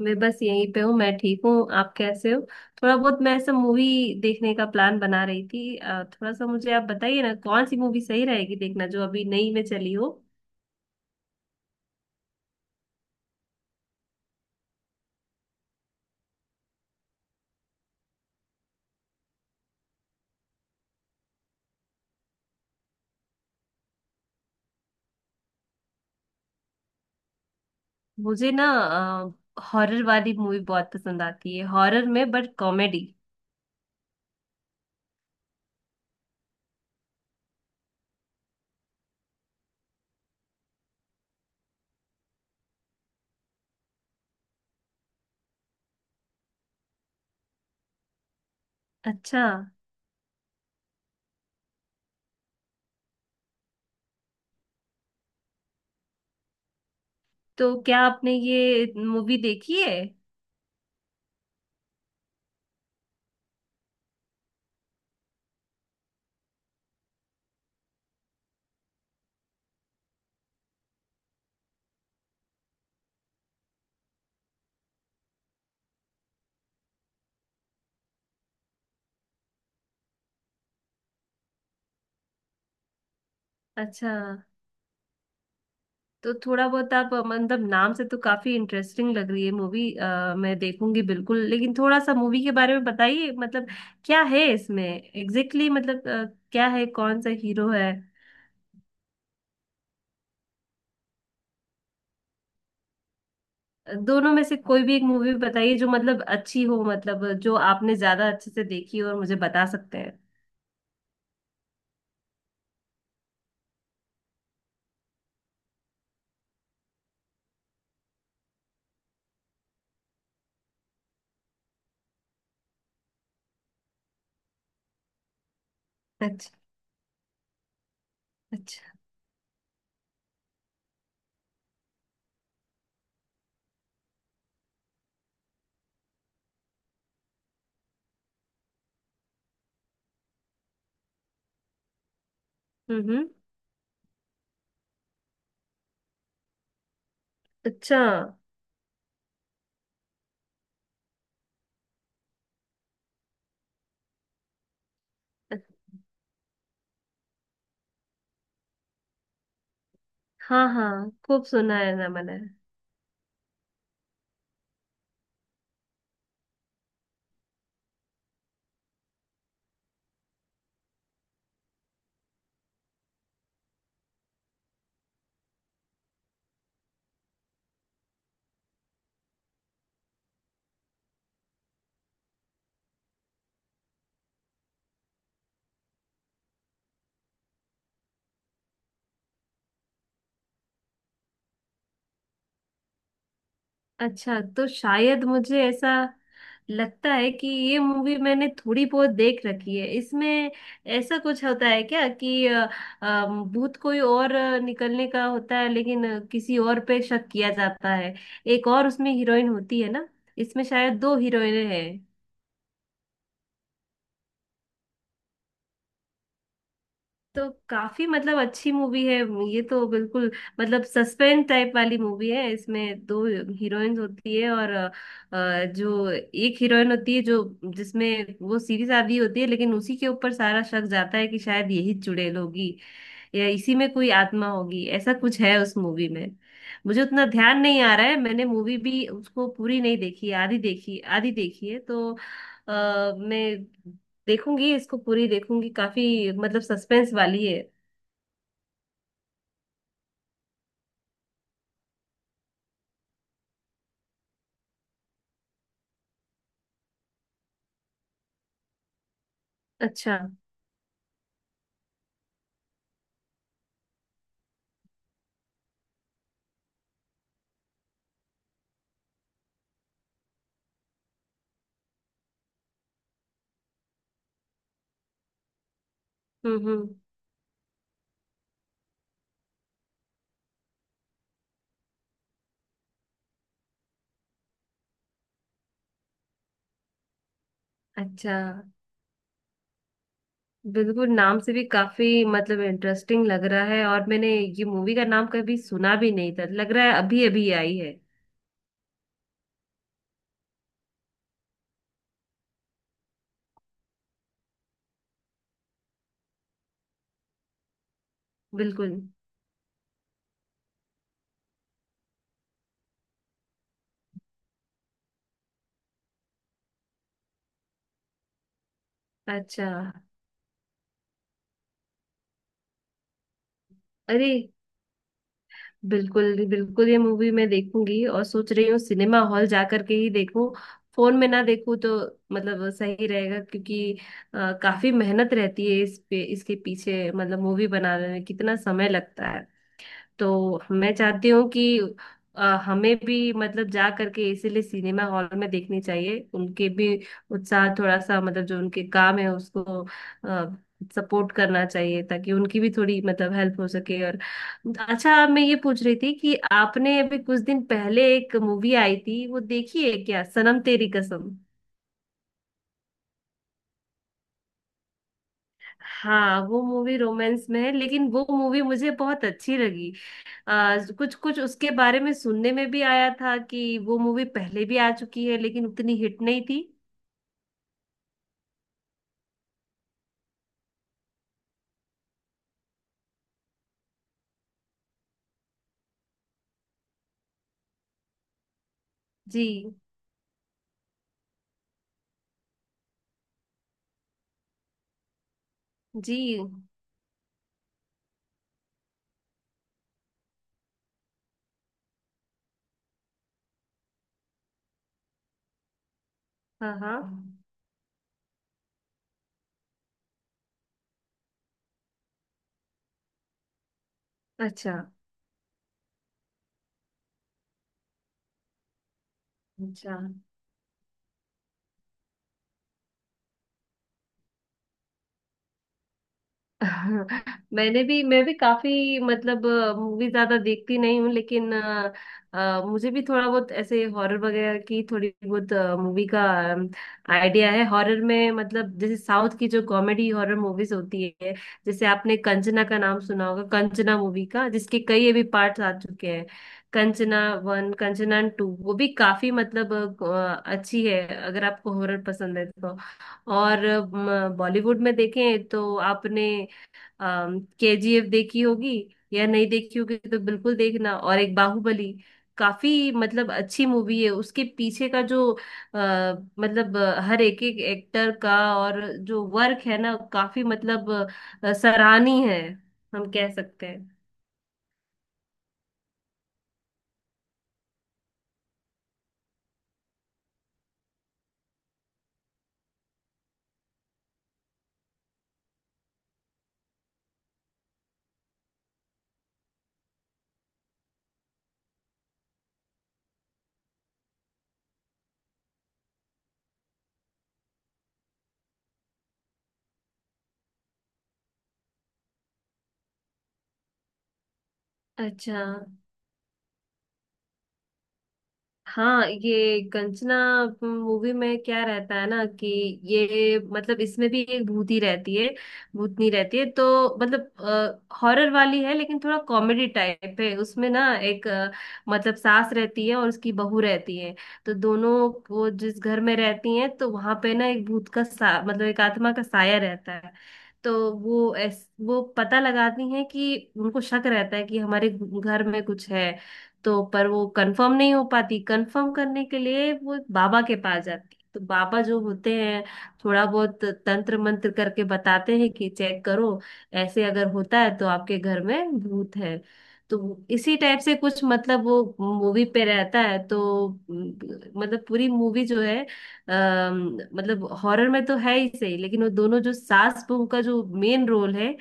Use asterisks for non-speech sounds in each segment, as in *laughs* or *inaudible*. मैं बस यहीं पे हूँ। मैं ठीक हूँ, आप कैसे हो? थोड़ा बहुत मैं ऐसा मूवी देखने का प्लान बना रही थी। थोड़ा सा मुझे आप बताइए ना कौन सी मूवी सही रहेगी देखना, जो अभी नई में चली हो। मुझे ना हॉरर वाली मूवी बहुत पसंद आती है, हॉरर में बट कॉमेडी। अच्छा, तो क्या आपने ये मूवी देखी है? अच्छा। तो थोड़ा बहुत आप मतलब, नाम से तो काफी इंटरेस्टिंग लग रही है मूवी। मैं देखूंगी बिल्कुल, लेकिन थोड़ा सा मूवी के बारे में बताइए मतलब क्या है इसमें एग्जैक्टली मतलब क्या है, कौन सा हीरो है? दोनों में से कोई भी एक मूवी बताइए जो मतलब अच्छी हो, मतलब जो आपने ज्यादा अच्छे से देखी हो और मुझे बता सकते हैं। अच्छा। अच्छा। हम्म, हम्म। अच्छा। अ- हाँ हाँ, खूब सुना है ना मैंने। अच्छा, तो शायद मुझे ऐसा लगता है कि ये मूवी मैंने थोड़ी बहुत देख रखी है। इसमें ऐसा कुछ होता है क्या कि अ, भूत कोई और निकलने का होता है लेकिन किसी और पे शक किया जाता है। एक और उसमें हीरोइन होती है ना, इसमें शायद दो हीरोइनें हैं। तो काफी मतलब अच्छी मूवी है ये, तो बिल्कुल मतलब सस्पेंस टाइप वाली मूवी है। इसमें दो हीरोइंस होती है और जो एक हीरोइन होती है, जो जिसमें वो सीधी सादी होती है लेकिन उसी के ऊपर सारा शक जाता है कि शायद यही चुड़ैल होगी या इसी में कोई आत्मा होगी, ऐसा कुछ है उस मूवी में। मुझे उतना ध्यान नहीं आ रहा है, मैंने मूवी भी उसको पूरी नहीं देखी, आधी देखी आधी देखी है तो मैं देखूंगी इसको, पूरी देखूंगी, काफी मतलब सस्पेंस वाली है। अच्छा। हम्म, हम्म। अच्छा। बिल्कुल, नाम से भी काफी मतलब इंटरेस्टिंग लग रहा है और मैंने ये मूवी का नाम कभी सुना भी नहीं था, लग रहा है अभी अभी आई है। बिल्कुल। अच्छा। अरे, बिल्कुल बिल्कुल ये मूवी मैं देखूंगी और सोच रही हूँ सिनेमा हॉल जा करके ही देखूं, फोन में ना देखूं। तो मतलब सही रहेगा, क्योंकि काफी मेहनत रहती है इस पे, इसके पीछे मतलब मूवी बनाने में कितना समय लगता है। तो मैं चाहती हूँ कि हमें भी मतलब जा करके इसीलिए सिनेमा हॉल में देखनी चाहिए, उनके भी उत्साह थोड़ा सा मतलब जो उनके काम है उसको सपोर्ट करना चाहिए, ताकि उनकी भी थोड़ी मतलब हेल्प हो सके। और अच्छा, मैं ये पूछ रही थी कि आपने अभी कुछ दिन पहले एक मूवी आई थी वो देखी है क्या, सनम तेरी कसम? हाँ, वो मूवी रोमांस में है लेकिन वो मूवी मुझे बहुत अच्छी लगी। कुछ कुछ उसके बारे में सुनने में भी आया था कि वो मूवी पहले भी आ चुकी है लेकिन उतनी हिट नहीं थी। जी। जी। हाँ हाँ। अच्छा। अच्छा। *laughs* मैंने भी मैं भी काफी मतलब मूवी ज्यादा देखती नहीं हूँ, लेकिन मुझे भी थोड़ा बहुत ऐसे हॉरर वगैरह की थोड़ी बहुत मूवी का आइडिया है। हॉरर में मतलब जैसे साउथ की जो कॉमेडी हॉरर मूवीज होती है, जैसे आपने कंचना का नाम सुना होगा, कंचना मूवी का जिसके कई अभी पार्ट्स आ चुके हैं। कंचना वन कंचना टू, वो भी काफी मतलब अच्छी है, अगर आपको हॉरर पसंद है तो। और बॉलीवुड में देखें तो आपने केजीएफ देखी होगी या नहीं देखी होगी तो बिल्कुल देखना, और एक बाहुबली। काफी मतलब अच्छी मूवी है, उसके पीछे का जो मतलब हर एक एक एक्टर का और जो वर्क है ना काफी मतलब सराहनीय है हम कह सकते हैं। अच्छा। हाँ, ये कंचना मूवी में क्या रहता है ना कि ये मतलब इसमें भी एक भूत ही रहती है, भूतनी रहती है। तो मतलब हॉरर वाली है लेकिन थोड़ा कॉमेडी टाइप है उसमें ना। एक मतलब सास रहती है और उसकी बहू रहती है, तो दोनों वो जिस घर में रहती हैं तो वहां पे ना एक भूत का सा मतलब एक आत्मा का साया रहता है। तो वो वो पता लगाती हैं कि उनको शक रहता है कि हमारे घर में कुछ है। तो पर वो कंफर्म नहीं हो पाती, कंफर्म करने के लिए वो बाबा के पास जाती तो बाबा जो होते हैं थोड़ा बहुत तंत्र मंत्र करके बताते हैं कि चेक करो, ऐसे अगर होता है तो आपके घर में भूत है। तो इसी टाइप से कुछ मतलब वो मूवी पे रहता है। तो मतलब पूरी मूवी जो है मतलब हॉरर में तो है ही सही, लेकिन वो दोनों जो सास बहू का जो मेन रोल है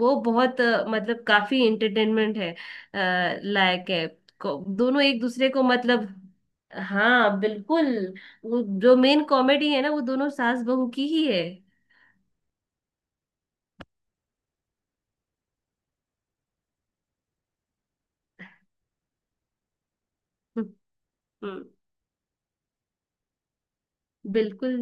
वो बहुत मतलब काफी इंटरटेनमेंट है लायक है। दोनों एक दूसरे को मतलब। हाँ बिल्कुल, वो जो मेन कॉमेडी है ना वो दोनों सास बहू की ही है। हम्म, हम्म। बिल्कुल।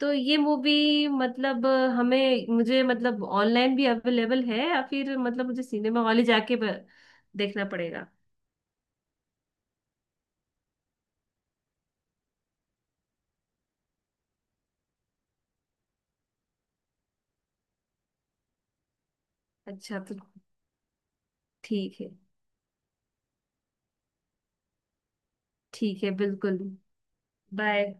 तो ये मूवी मतलब हमें मुझे मतलब ऑनलाइन भी अवेलेबल है या फिर मतलब मुझे सिनेमा हॉल ही जाके देखना पड़ेगा? अच्छा। तो ठीक है। ठीक है बिल्कुल। बाय।